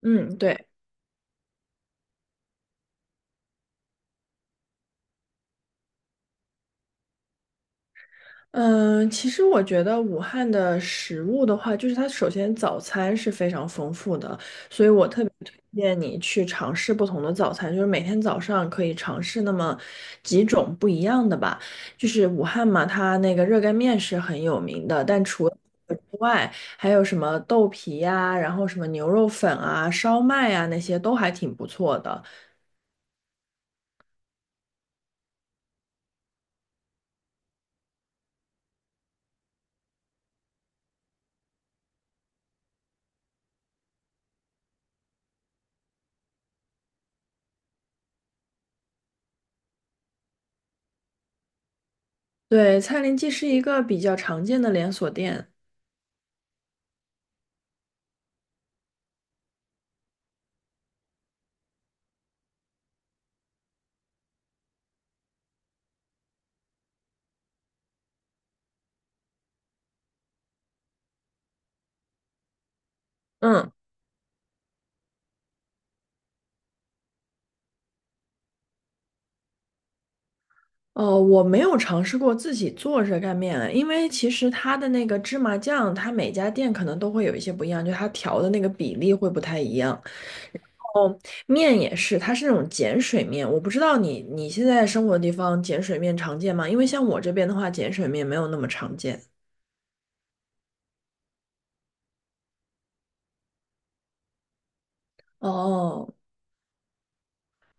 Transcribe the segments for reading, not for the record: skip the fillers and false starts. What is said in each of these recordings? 嗯，对，嗯，其实我觉得武汉的食物的话，就是它首先早餐是非常丰富的，所以我特别推荐你去尝试不同的早餐，就是每天早上可以尝试那么几种不一样的吧。就是武汉嘛，它那个热干面是很有名的，但除了这个之外，还有什么豆皮呀、然后什么牛肉粉啊、烧麦啊，那些都还挺不错的。对，蔡林记是一个比较常见的连锁店。嗯。哦，我没有尝试过自己做热干面啊，因为其实它的那个芝麻酱，它每家店可能都会有一些不一样，就它调的那个比例会不太一样。哦，面也是，它是那种碱水面，我不知道你现在生活的地方碱水面常见吗？因为像我这边的话，碱水面没有那么常见。哦，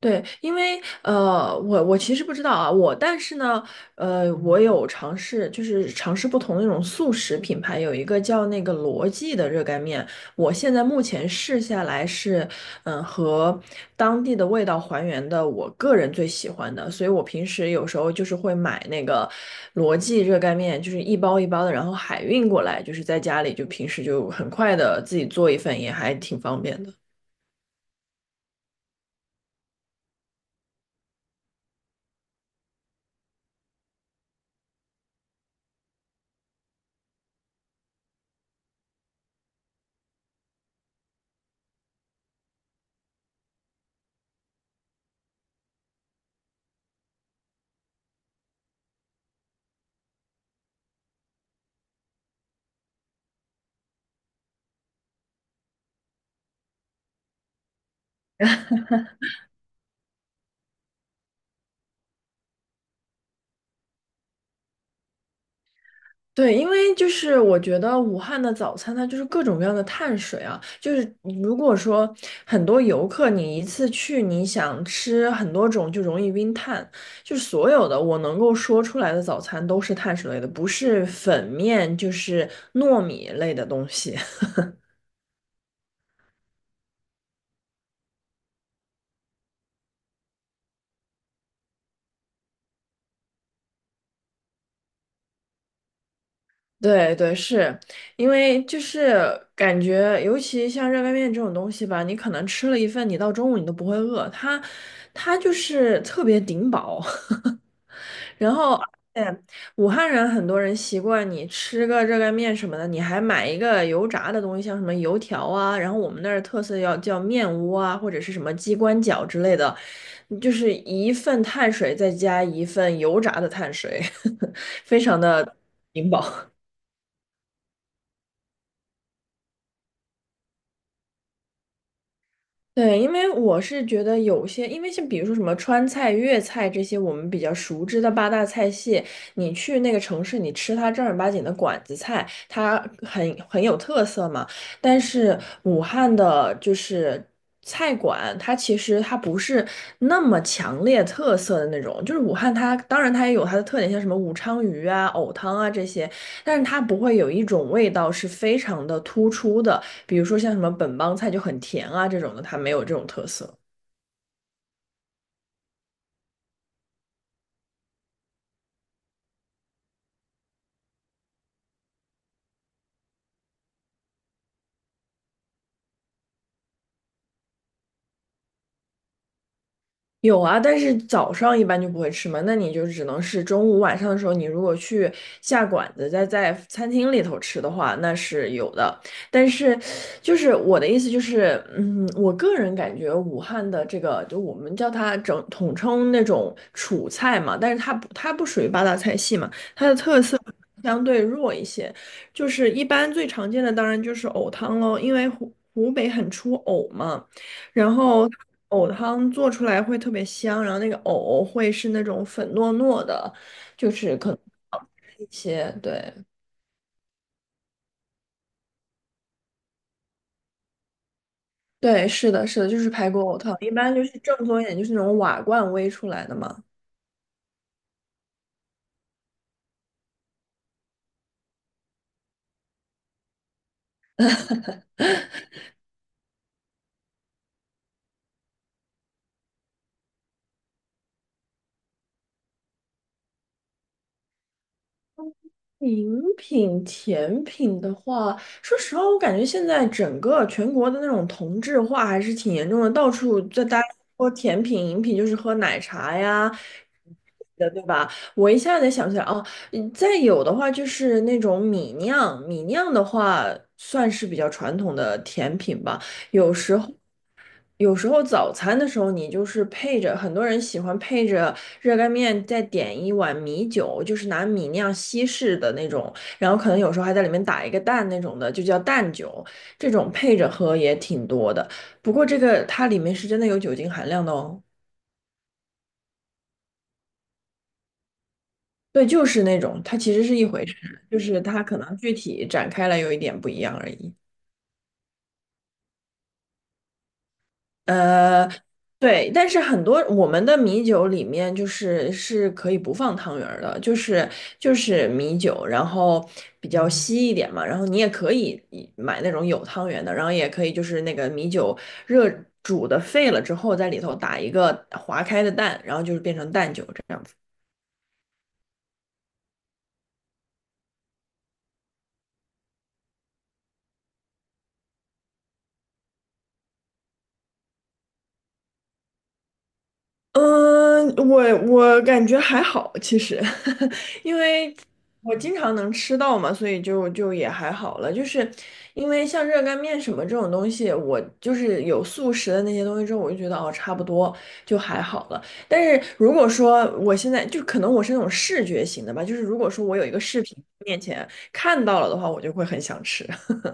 对，因为我其实不知道啊，我但是呢，我有尝试，就是尝试不同的那种速食品牌，有一个叫那个罗记的热干面，我现在目前试下来是，和当地的味道还原的，我个人最喜欢的，所以我平时有时候就是会买那个罗记热干面，就是一包一包的，然后海运过来，就是在家里就平时就很快的自己做一份，也还挺方便的。对，因为就是我觉得武汉的早餐它就是各种各样的碳水啊，就是如果说很多游客你一次去你想吃很多种就容易晕碳，就是所有的我能够说出来的早餐都是碳水类的，不是粉面就是糯米类的东西。对对，是因为就是感觉，尤其像热干面这种东西吧，你可能吃了一份，你到中午你都不会饿，它就是特别顶饱。然后，而且武汉人很多人习惯你吃个热干面什么的，你还买一个油炸的东西，像什么油条啊，然后我们那儿特色要叫面窝啊，或者是什么鸡冠饺之类的，就是一份碳水再加一份油炸的碳水，非常的顶饱。对，因为我是觉得有些，因为像比如说什么川菜、粤菜这些我们比较熟知的八大菜系，你去那个城市，你吃它正儿八经的馆子菜，它很有特色嘛。但是武汉的就是菜馆，它其实它不是那么强烈特色的那种。就是武汉它当然它也有它的特点，像什么武昌鱼啊、藕汤啊这些，但是它不会有一种味道是非常的突出的。比如说像什么本帮菜就很甜啊这种的，它没有这种特色。有啊，但是早上一般就不会吃嘛，那你就只能是中午晚上的时候，你如果去下馆子，再在餐厅里头吃的话，那是有的。但是，就是我的意思就是，我个人感觉武汉的这个，就我们叫它整统称那种楚菜嘛，但是它不属于八大菜系嘛。相对弱一些，就是一般最常见的当然就是藕汤喽，因为湖北很出藕嘛，然后藕汤做出来会特别香，然后那个藕会是那种粉糯糯的一些，对对，是的，是的，就是排骨藕汤，一般就是正宗一点，就是那种瓦罐煨出来的嘛。饮品、甜品的话，说实话，我感觉现在整个全国的那种同质化还是挺严重的，到处在大家说甜品、饮品，就是喝奶茶呀的，对吧？我一下子想起来，哦，再有的话就是那种米酿，米酿的话算是比较传统的甜品吧，有时候。有时候早餐的时候，你就是配着，很多人喜欢配着热干面，再点一碗米酒，就是拿米酿西式的那种，然后可能有时候还在里面打一个蛋那种的，就叫蛋酒。这种配着喝也挺多的，不过这个它里面是真的有酒精含量的哦。对，就是那种，它其实是一回事，就是它可能具体展开来有一点不一样而已。呃，对，但是很多我们的米酒里面就是可以不放汤圆儿的，就是米酒，然后比较稀一点嘛，然后你也可以买那种有汤圆的，然后也可以就是那个米酒热煮的沸了之后，在里头打一个划开的蛋，然后就是变成蛋酒这样子。嗯，我感觉还好，其实，因为我经常能吃到嘛，所以就也还好了。就是因为像热干面什么这种东西，我就是有素食的那些东西之后，我就觉得哦，差不多就还好了。但是如果说我现在就可能我是那种视觉型的吧，就是如果说我有一个视频面前看到了的话，我就会很想吃。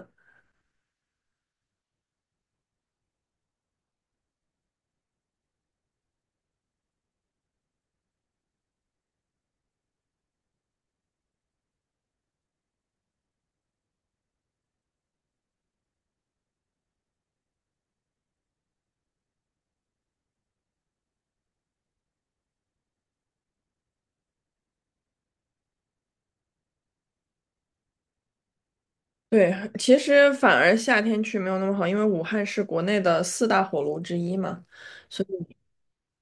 对，其实反而夏天去没有那么好，因为武汉是国内的四大火炉之一嘛。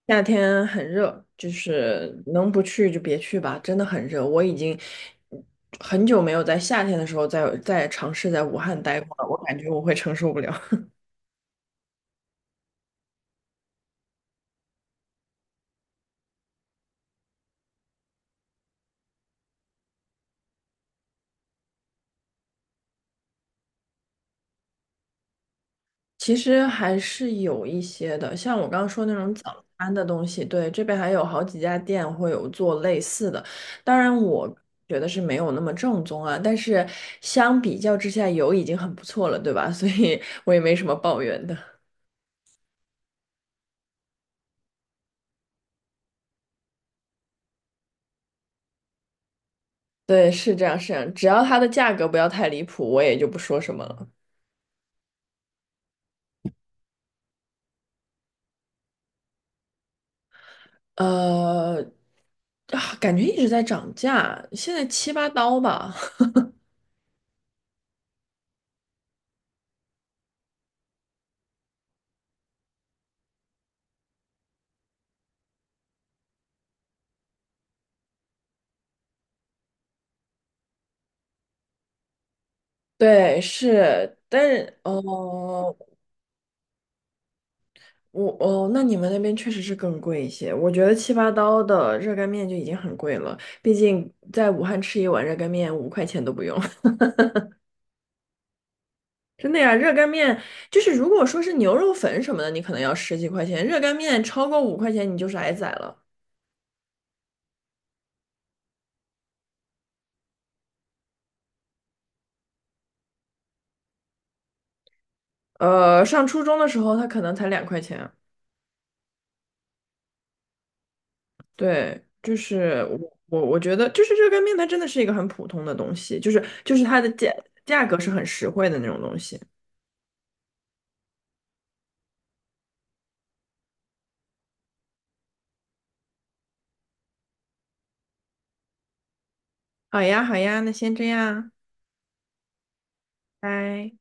夏天很热，就是能不去就别去吧，真的很热。我已经很久没有在夏天的时候再尝试在武汉待过了，我感觉我会承受不了。其实还是有一些的，像我刚刚说那种早餐的东西，对，这边还有好几家店会有做类似的。当然，我觉得是没有那么正宗啊，但是相比较之下有已经很不错了，对吧？所以我也没什么抱怨的。对，是这样，是这样，只要它的价格不要太离谱，我也就不说什么了。呃，啊，感觉一直在涨价，现在七八刀吧。对，是，但是哦，那你们那边确实是更贵一些。我觉得七八刀的热干面就已经很贵了，毕竟在武汉吃一碗热干面五块钱都不用。真的呀，热干面就是如果说是牛肉粉什么的，你可能要十几块钱，热干面超过五块钱你就是挨宰了。上初中的时候，它可能才2块钱。对，就是我觉得，就是热干面它真的是一个很普通的东西，就是它的价格是很实惠的那种东西。好呀，好呀，那先这样，拜。